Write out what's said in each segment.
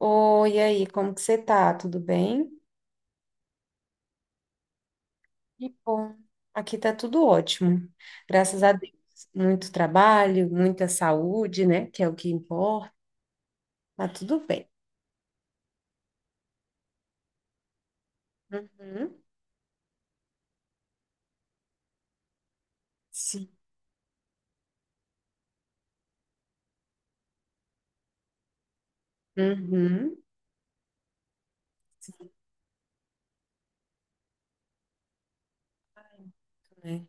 Oi, e aí, como que você tá? Tudo bem? Que bom. Aqui tá tudo ótimo. Graças a Deus. Muito trabalho, muita saúde, né? Que é o que importa. Tá tudo bem. Uhum. Sim. Uhum. Sim, né?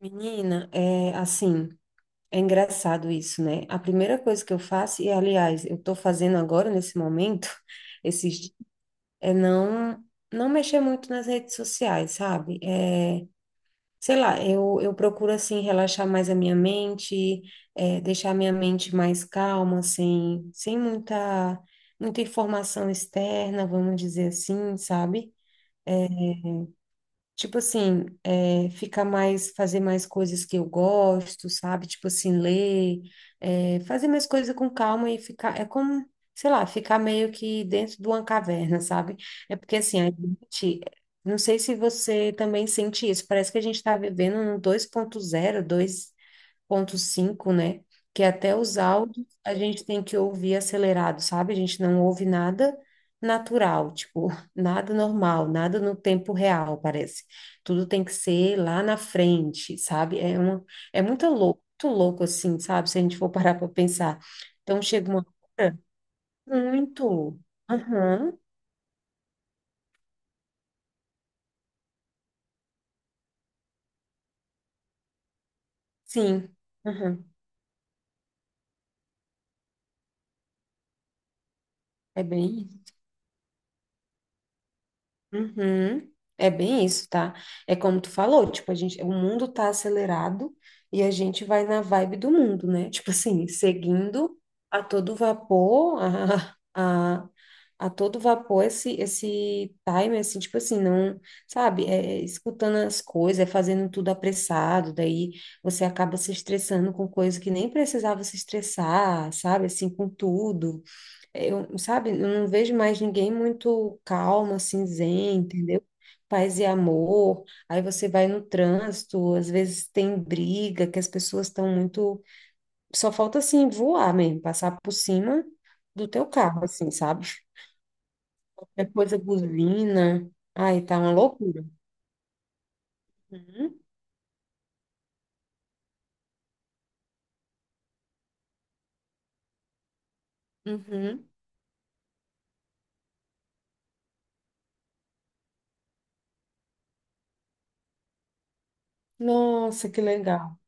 Menina, é assim, é engraçado isso, né? A primeira coisa que eu faço, e aliás, eu tô fazendo agora nesse momento, esses, é não mexer muito nas redes sociais, sabe? É sei lá, eu procuro assim relaxar mais a minha mente, deixar a minha mente mais calma, sem muita, muita informação externa, vamos dizer assim, sabe? Tipo assim, é, ficar mais, fazer mais coisas que eu gosto, sabe? Tipo assim, ler, é, fazer mais coisas com calma e ficar, é como, sei lá, ficar meio que dentro de uma caverna, sabe? É porque assim, a gente, não sei se você também sente isso, parece que a gente está vivendo no 2.0, ponto 5 né? Que é até os áudios a gente tem que ouvir acelerado, sabe? A gente não ouve nada natural, tipo, nada normal, nada no tempo real, parece. Tudo tem que ser lá na frente, sabe? É uma, é muito louco assim, sabe? Se a gente for parar para pensar. Então chega uma hora muito. Aham, sim. Aham. É bem. Uhum. É bem isso, tá? É como tu falou, tipo, a gente, o mundo tá acelerado e a gente vai na vibe do mundo, né? Tipo assim, seguindo a todo vapor, a todo vapor esse, esse time, assim, tipo assim, não, sabe? É, é escutando as coisas, é fazendo tudo apressado, daí você acaba se estressando com coisa que nem precisava se estressar, sabe? Assim, com tudo. Eu, sabe, eu não vejo mais ninguém muito calmo, assim, zen, entendeu? Paz e amor. Aí você vai no trânsito, às vezes tem briga, que as pessoas estão muito. Só falta, assim, voar mesmo, passar por cima do teu carro, assim, sabe? Qualquer coisa buzina. Ai, tá uma loucura. Uhum, uhum. Nossa, que legal.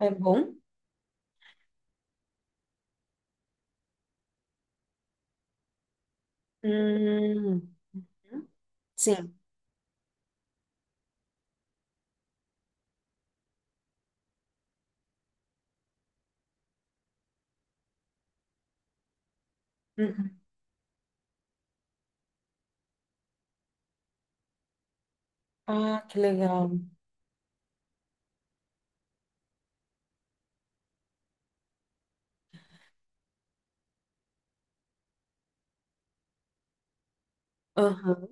É bom? Hum, sim. Uhum. Ah, que legal. Aham.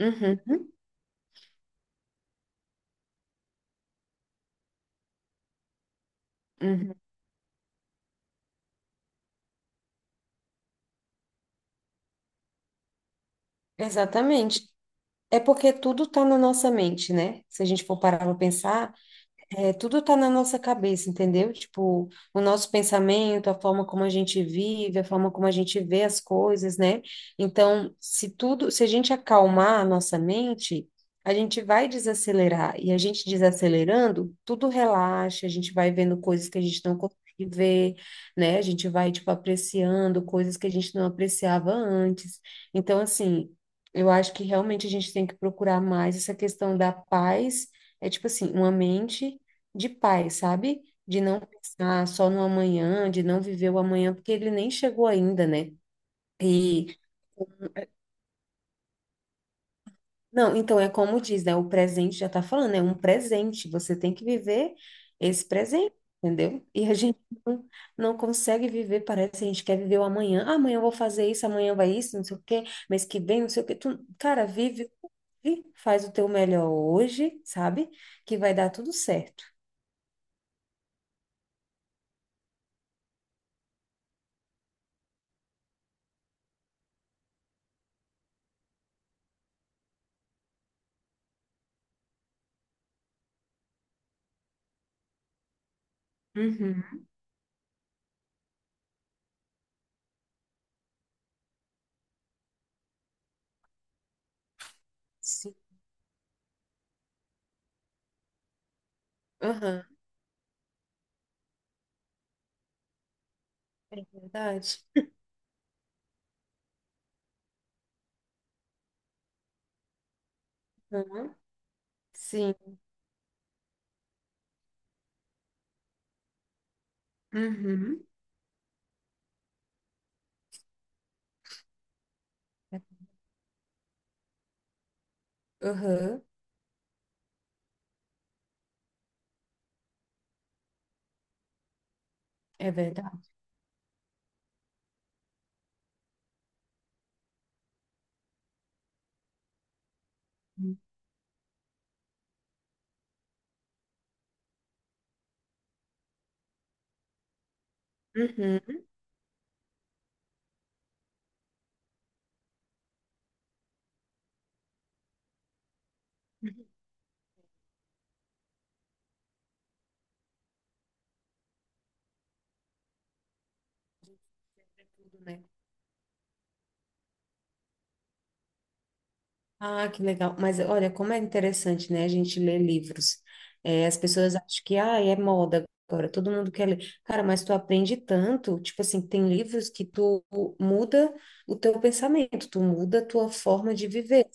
Uhum. Uhum. Exatamente. É porque tudo está na nossa mente, né? Se a gente for parar para pensar, é, tudo tá na nossa cabeça, entendeu? Tipo, o nosso pensamento, a forma como a gente vive, a forma como a gente vê as coisas, né? Então, se tudo, se a gente acalmar a nossa mente, a gente vai desacelerar. E a gente desacelerando, tudo relaxa, a gente vai vendo coisas que a gente não consegue ver, né? A gente vai, tipo, apreciando coisas que a gente não apreciava antes. Então, assim, eu acho que realmente a gente tem que procurar mais essa questão da paz. É tipo assim, uma mente de paz, sabe? De não pensar só no amanhã, de não viver o amanhã, porque ele nem chegou ainda, né? E não, então é como diz, né? O presente já tá falando, é um presente, você tem que viver esse presente, entendeu? E a gente não, não consegue viver, parece que a gente quer viver o amanhã. Ah, amanhã eu vou fazer isso, amanhã vai isso, não sei o quê, mês que vem, não sei o quê. Tu, cara, vive, e faz o teu melhor hoje, sabe? Que vai dar tudo certo. Uhum. Sim. Aham, é verdade. Sim. Uhum. Uhum. É verdade. Uhum. Uhum. Tudo, né? Ah, que legal. Mas olha, como é interessante, né? A gente ler livros. É, as pessoas acham que, ah, é moda agora, todo mundo quer ler. Cara, mas tu aprende tanto, tipo assim, tem livros que tu muda o teu pensamento, tu muda a tua forma de viver.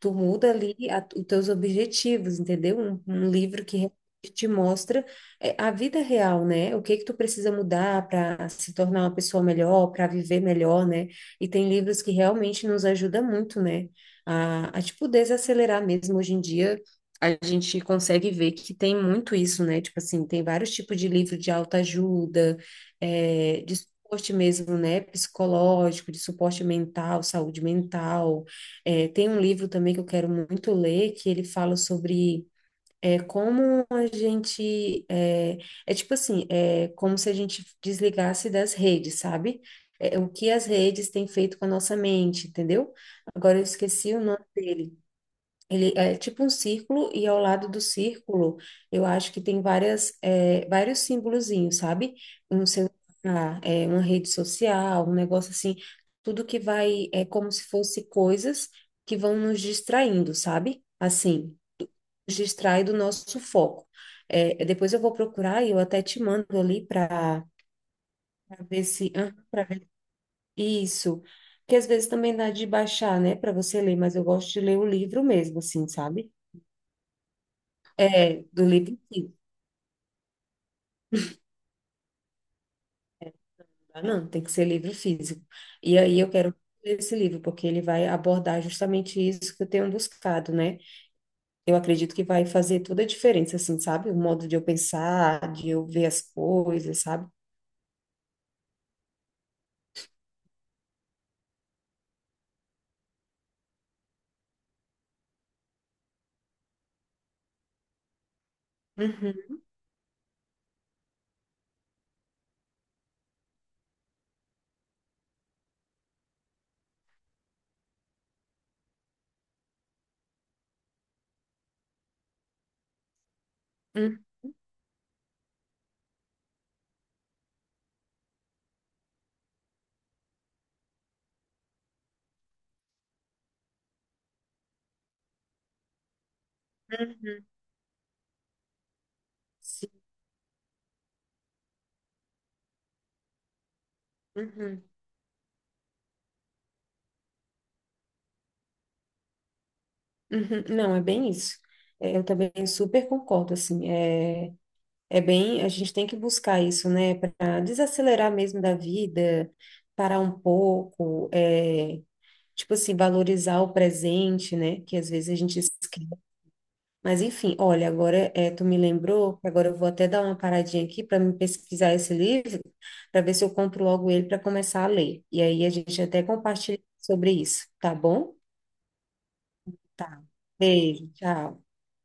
Tu muda ali os teus objetivos, entendeu? Um livro que realmente te mostra é, a vida real, né? O que que tu precisa mudar para se tornar uma pessoa melhor, para viver melhor, né? E tem livros que realmente nos ajudam muito, né? A tipo desacelerar mesmo hoje em dia. A gente consegue ver que tem muito isso, né? Tipo assim, tem vários tipos de livro de autoajuda, é, de suporte mesmo, né? Psicológico, de suporte mental, saúde mental. É, tem um livro também que eu quero muito ler, que ele fala sobre é, como a gente. É, é tipo assim, é como se a gente desligasse das redes, sabe? É, o que as redes têm feito com a nossa mente, entendeu? Agora eu esqueci o nome dele. Ele é tipo um círculo e ao lado do círculo eu acho que tem várias, é, vários símbolozinhos, sabe? Um celular, é, uma rede social, um negócio assim, tudo que vai, é como se fosse coisas que vão nos distraindo, sabe? Assim, nos distrai do nosso foco. É, depois eu vou procurar e eu até te mando ali para ver se, para ver isso, que às vezes também dá de baixar, né, para você ler, mas eu gosto de ler o livro mesmo, assim, sabe? É, do livro físico, tá? Não, tem que ser livro físico. E aí eu quero ler esse livro, porque ele vai abordar justamente isso que eu tenho buscado, né? Eu acredito que vai fazer toda a diferença, assim, sabe? O modo de eu pensar, de eu ver as coisas, sabe? Uhum, uhum, uhum, sim, uhum, uhum. Não, é bem isso. É, eu também super concordo, assim, é, é bem, a gente tem que buscar isso, né, para desacelerar mesmo da vida, parar um pouco, é, tipo assim, valorizar o presente, né? Que às vezes a gente esquece. Mas enfim, olha, agora é, tu me lembrou, que agora eu vou até dar uma paradinha aqui para me pesquisar esse livro, para ver se eu compro logo ele para começar a ler. E aí a gente até compartilha sobre isso, tá bom? Tá. Beijo, tchau.